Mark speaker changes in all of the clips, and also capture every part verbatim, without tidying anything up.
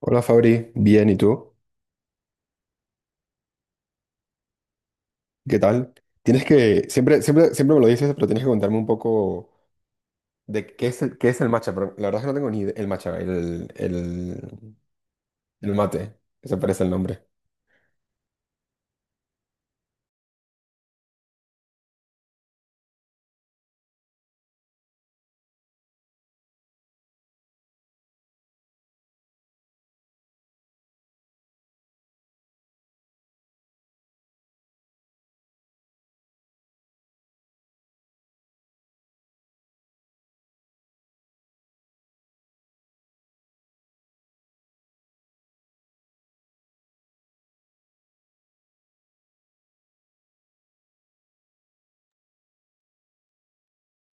Speaker 1: Hola Fabri, bien, ¿y tú? ¿Qué tal? Tienes que, siempre, siempre, siempre me lo dices, pero tienes que contarme un poco de qué es el, qué es el matcha. Pero la verdad es que no tengo ni idea. El matcha, el, el, el mate, que se parece el nombre.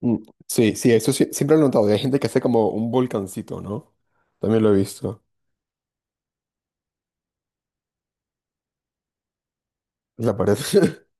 Speaker 1: Mm, sí, sí, eso sí, siempre lo he notado. Y hay gente que hace como un volcancito, ¿no? También lo he visto. La pared.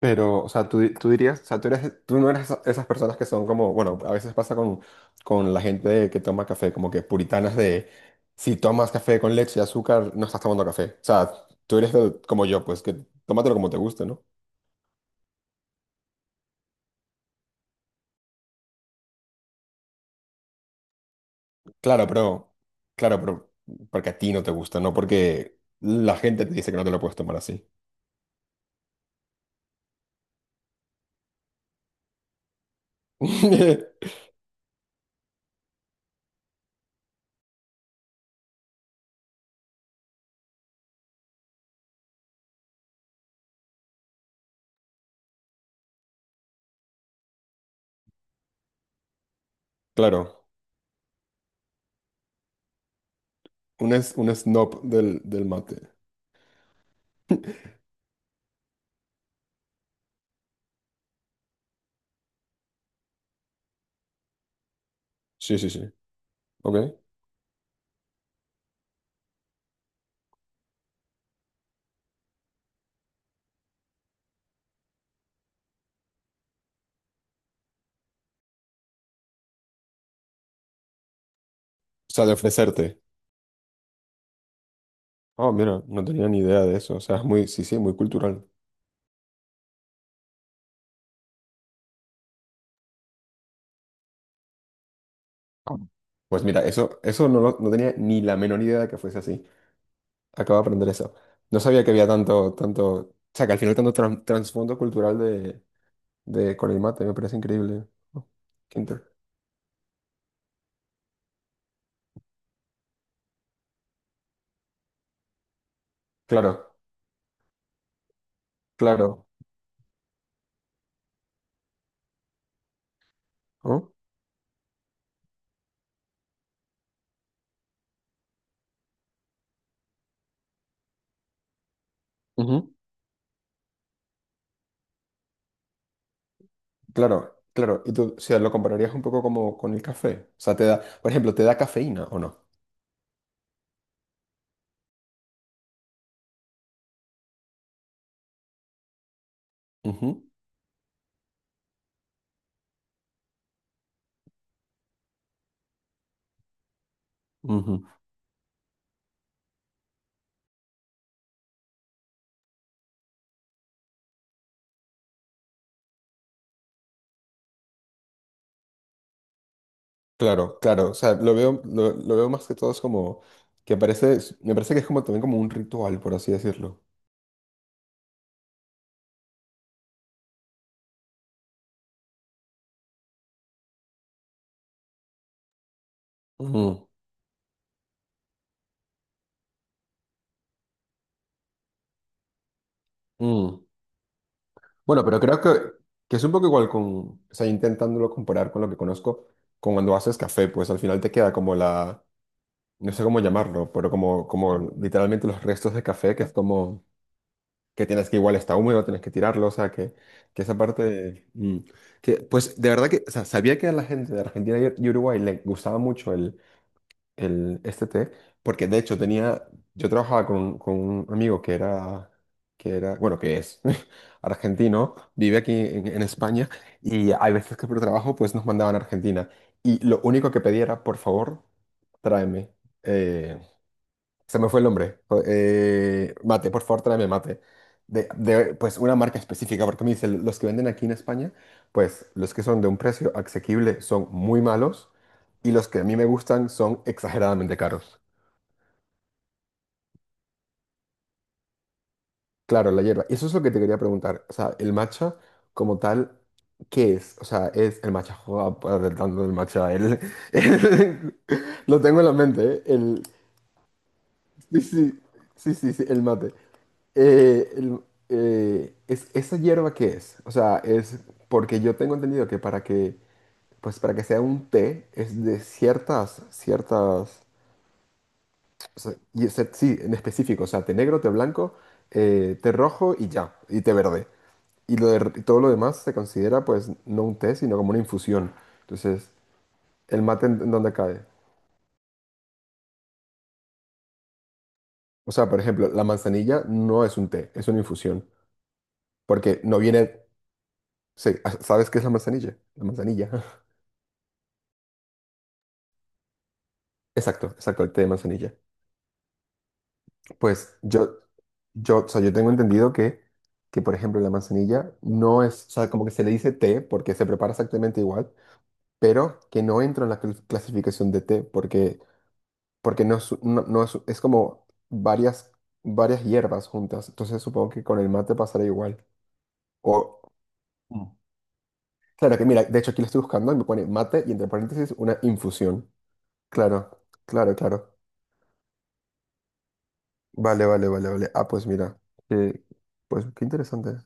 Speaker 1: Pero, o sea, tú, di- tú dirías, o sea, tú eres, tú no eres esa- esas personas que son como, bueno, a veces pasa con, con la gente que toma café, como que puritanas de, si tomas café con leche y azúcar, no estás tomando café. O sea, tú eres del- como yo, pues que tómatelo como te guste, ¿no? Claro, pero, claro, pero, porque a ti no te gusta, no porque la gente te dice que no te lo puedes tomar así. Claro, un, es, un snob del, del mate. Sí, sí, sí. Ok. O sea, de ofrecerte. Oh, mira, no tenía ni idea de eso. O sea, es muy, sí, sí, muy cultural. Ah. Pues mira, eso, eso no, lo- no tenía ni la menor idea de que fuese así. Acabo de aprender eso. No sabía que había tanto, tanto, o sea, que al final tanto tran- trasfondo cultural de, de con el mate, me parece increíble. Oh, qué inter- claro, claro. ¿Oh? Ujú. Claro, claro. Y tú, o sea, lo compararías un poco como con el café. O sea, te da, por ejemplo, ¿te da cafeína o no? Ujú, ujú. Claro, claro, o sea, lo veo, lo, lo veo más que todo es como, que parece, me parece que es como también como un ritual, por así decirlo. Ujú, ujú. Bueno, pero creo que, que es un poco igual con, o sea, intentándolo comparar con lo que conozco, con cuando haces café, pues al final te queda como la, no sé cómo llamarlo, pero como, como literalmente los restos de café, que es como, que tienes que igual está húmedo, tienes que tirarlo, o sea, que, que esa parte, mm, que, pues de verdad que, o sea, sabía que a la gente de Argentina y y Uruguay le gustaba mucho el, este té, porque de hecho tenía, yo trabajaba con, con un amigo que era, que era, bueno, que es argentino, vive aquí en, en España y hay veces que por trabajo pues nos mandaban a Argentina y lo único que pedía era, por favor, tráeme. eh, Se me fue el nombre. Jo- eh, mate, por favor, tráeme mate. De, de, pues una marca específica, porque me dice, los que venden aquí en España, pues los que son de un precio asequible son muy malos y los que a mí me gustan son exageradamente caros. Claro, la hierba. Y eso es lo que te quería preguntar. O sea, el matcha como tal, ¿qué es? O sea, es el matcha, joder, tanto el matcha, el, el- lo tengo en la mente, ¿eh? El, Sí, sí, sí, sí, sí, el mate. Eh, el- eh, es, ¿esa hierba qué es? O sea, es porque yo tengo entendido que para que, pues para que sea un té es de ciertas, ciertas, o sea, y es- sí, en específico, o sea, té negro, té blanco, eh, té rojo y ya, y té verde. Y, lo de- y todo lo demás se considera pues no un té, sino como una infusión. Entonces, ¿el mate en, en dónde cae? O sea, por ejemplo, la manzanilla no es un té, es una infusión, porque no viene. Sí, ah, ¿sabes qué es la manzanilla? La manzanilla. Exacto, exacto, el té de manzanilla. Pues yo, yo, o sea, yo tengo entendido que, que, por ejemplo, la manzanilla no es, o sea, como que se le dice té porque se prepara exactamente igual, pero que no entra en la cl- clasificación de té porque, porque no es, no, no es, es como varias, varias hierbas juntas. Entonces supongo que con el mate pasará igual. O, Mm. Claro que mira, de hecho aquí lo estoy buscando y me pone mate y entre paréntesis una infusión. Claro, claro, claro. Vale, vale, vale, vale. Ah, pues mira, eh, pues qué interesante.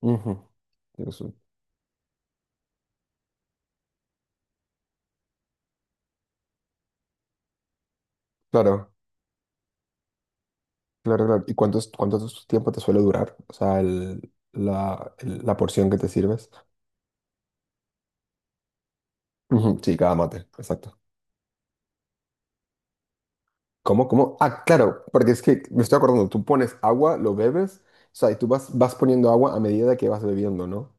Speaker 1: Ujú. Tienes un- Claro, claro, claro. ¿Y cuánto, es- cuánto es- tiempo te suele durar? O sea, el- la, el- la porción que te sirves. Ujú, sí, cada mate, exacto. ¿Cómo, cómo? Ah, claro, porque es que me estoy acordando, tú pones agua, lo bebes, o sea, y tú vas, vas poniendo agua a medida que vas bebiendo, ¿no?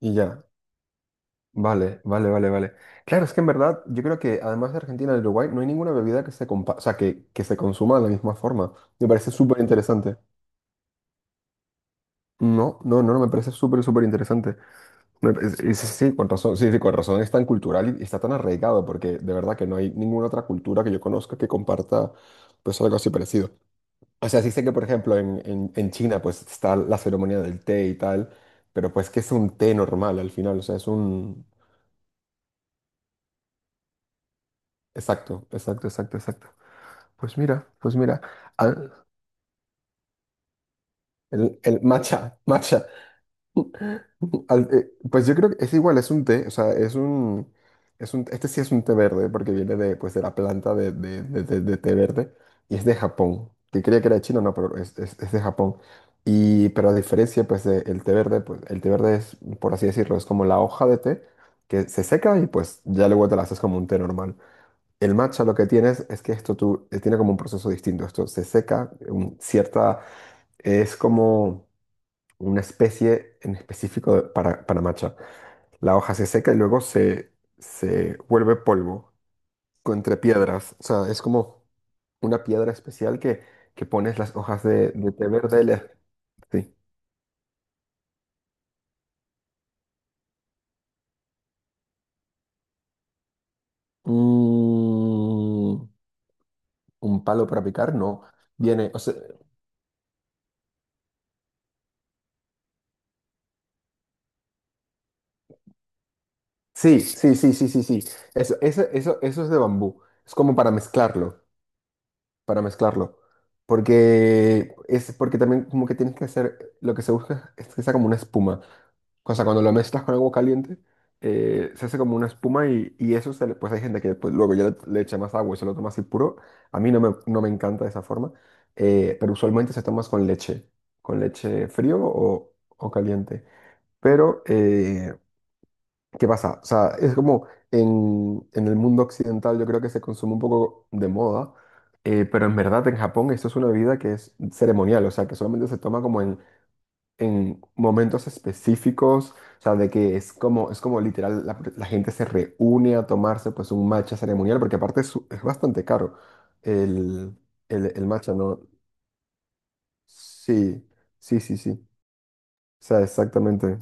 Speaker 1: Y ya, vale, vale, vale, vale. Claro, es que en verdad yo creo que además de Argentina y Uruguay no hay ninguna bebida que se compa- o sea, que, que se consuma de la misma forma. Me parece súper interesante. No, no, no, no, me parece súper, súper interesante. Me pa- es- es- Sí, con razón, sí, sí, con razón es tan cultural y está tan arraigado porque de verdad que no hay ninguna otra cultura que yo conozca que comparta pues algo así parecido. O sea, sí sé que por ejemplo en, en, en China pues está la ceremonia del té y tal, pero pues que es un té normal al final, o sea, es un. Exacto, exacto, exacto, exacto. Pues mira, pues mira, al- el, el matcha, matcha. Al- eh, pues yo creo que es igual, es un té, o sea, es un, es un, este sí es un té verde porque viene de, pues, de la planta de, de- de- de- de té verde y es de Japón, que creía que era chino, no, pero es, es- es de Japón. Y, pero a diferencia, pues, del té verde, pues, el té verde es, por así decirlo, es como la hoja de té que se seca y pues ya luego te la haces como un té normal. El matcha lo que tienes es que esto tú, eh, tiene como un proceso distinto. Esto se seca, un- cierta, es como una especie en específico de- para, para matcha. La hoja se seca y luego se, se vuelve polvo con- entre piedras. O sea, es como una piedra especial que, que pones las hojas de, de té verde. Le- sí. Mm, ¿Un palo para picar? No. Viene, o sea, sí, sí, sí, sí, sí, sí. Eso, eso, eso, eso es de bambú. Es como para mezclarlo. Para mezclarlo. Porque es porque también como que tienes que hacer, lo que se busca es que sea como una espuma. O sea, cuando lo mezclas con agua caliente, eh, se hace como una espuma y, y eso se le- pues hay gente que pues, luego ya le, le echa más agua y se lo toma así puro. A mí no me, no me encanta de esa forma, eh, pero usualmente se toma con leche, con leche frío o, o caliente. Pero, eh, ¿qué pasa? O sea, es como en, en el mundo occidental yo creo que se consume un poco de moda, eh, pero en verdad en Japón esto es una bebida que es ceremonial, o sea, que solamente se toma como en, en momentos específicos, o sea, de que es como, es como literal, la, la gente se reúne a tomarse pues un matcha ceremonial, porque aparte es, es bastante caro el, el, el matcha, ¿no? Sí, sí, sí, sí, o sea, exactamente.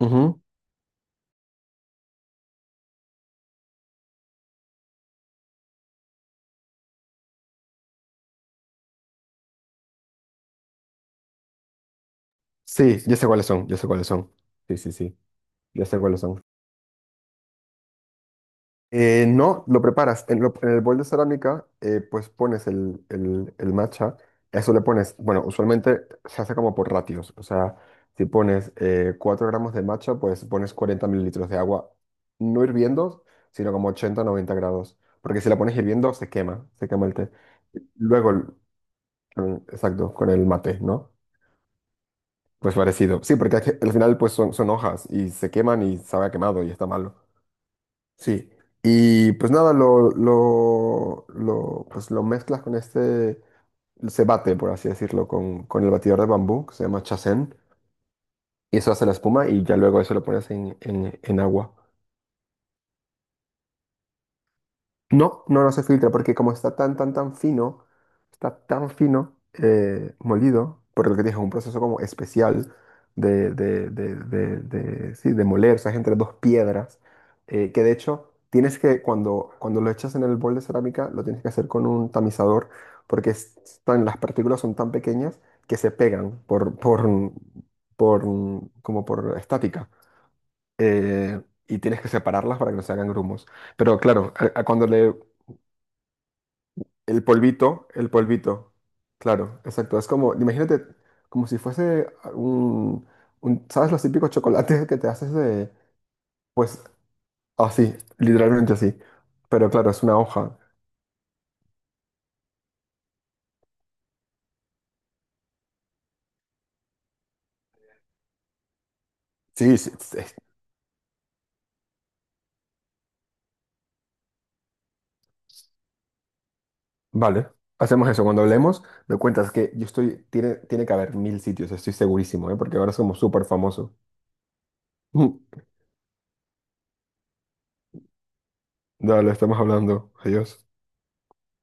Speaker 1: Ujú. Sí, yo sé cuáles son, yo sé cuáles son. Sí, sí, sí. Ya sé cuáles son. Eh, no, lo preparas. En, lo- en el bol de cerámica, eh, pues pones el, el, el matcha. A eso le pones, bueno, usualmente se hace como por ratios. O sea, si pones eh, 4 gramos de matcha, pues pones cuarenta mililitros de agua, no hirviendo, sino como ochenta, noventa grados. Porque si la pones hirviendo, se quema, se quema el té. Luego, el- mm, exacto, con el mate, ¿no? Pues parecido. Sí, porque al final, pues son, son hojas y se queman y sabe a quemado y está malo. Sí, y pues nada, lo, lo, lo, pues lo mezclas con este, se bate, por así decirlo, con, con el batidor de bambú, que se llama chacén, y eso hace la espuma y ya luego eso lo pones en, en, en agua. No, no, no se filtra porque como está tan, tan, tan fino, está tan fino, eh, molido, por lo que te dije es un proceso como especial de, de, de, de, de-, sí, de moler, o sea, es entre dos piedras, eh, que de hecho tienes que, cuando, cuando lo echas en el bol de cerámica, lo tienes que hacer con un tamizador, porque es tan- las partículas son tan pequeñas que se pegan por, por, por, como por estática, eh, y tienes que separarlas para que no se hagan grumos. Pero claro, a- a cuando le, el polvito, el polvito. Claro, exacto. Es como, imagínate, como si fuese un, un- ¿sabes los típicos chocolates que te haces de, pues, así, literalmente así. Pero claro, es una hoja. Sí, sí, sí. Vale. Hacemos eso. Cuando hablemos, me cuentas que yo estoy, tiene, tiene que haber mil sitios, estoy segurísimo, ¿eh? Porque ahora somos súper famosos. Dale, estamos hablando. Adiós.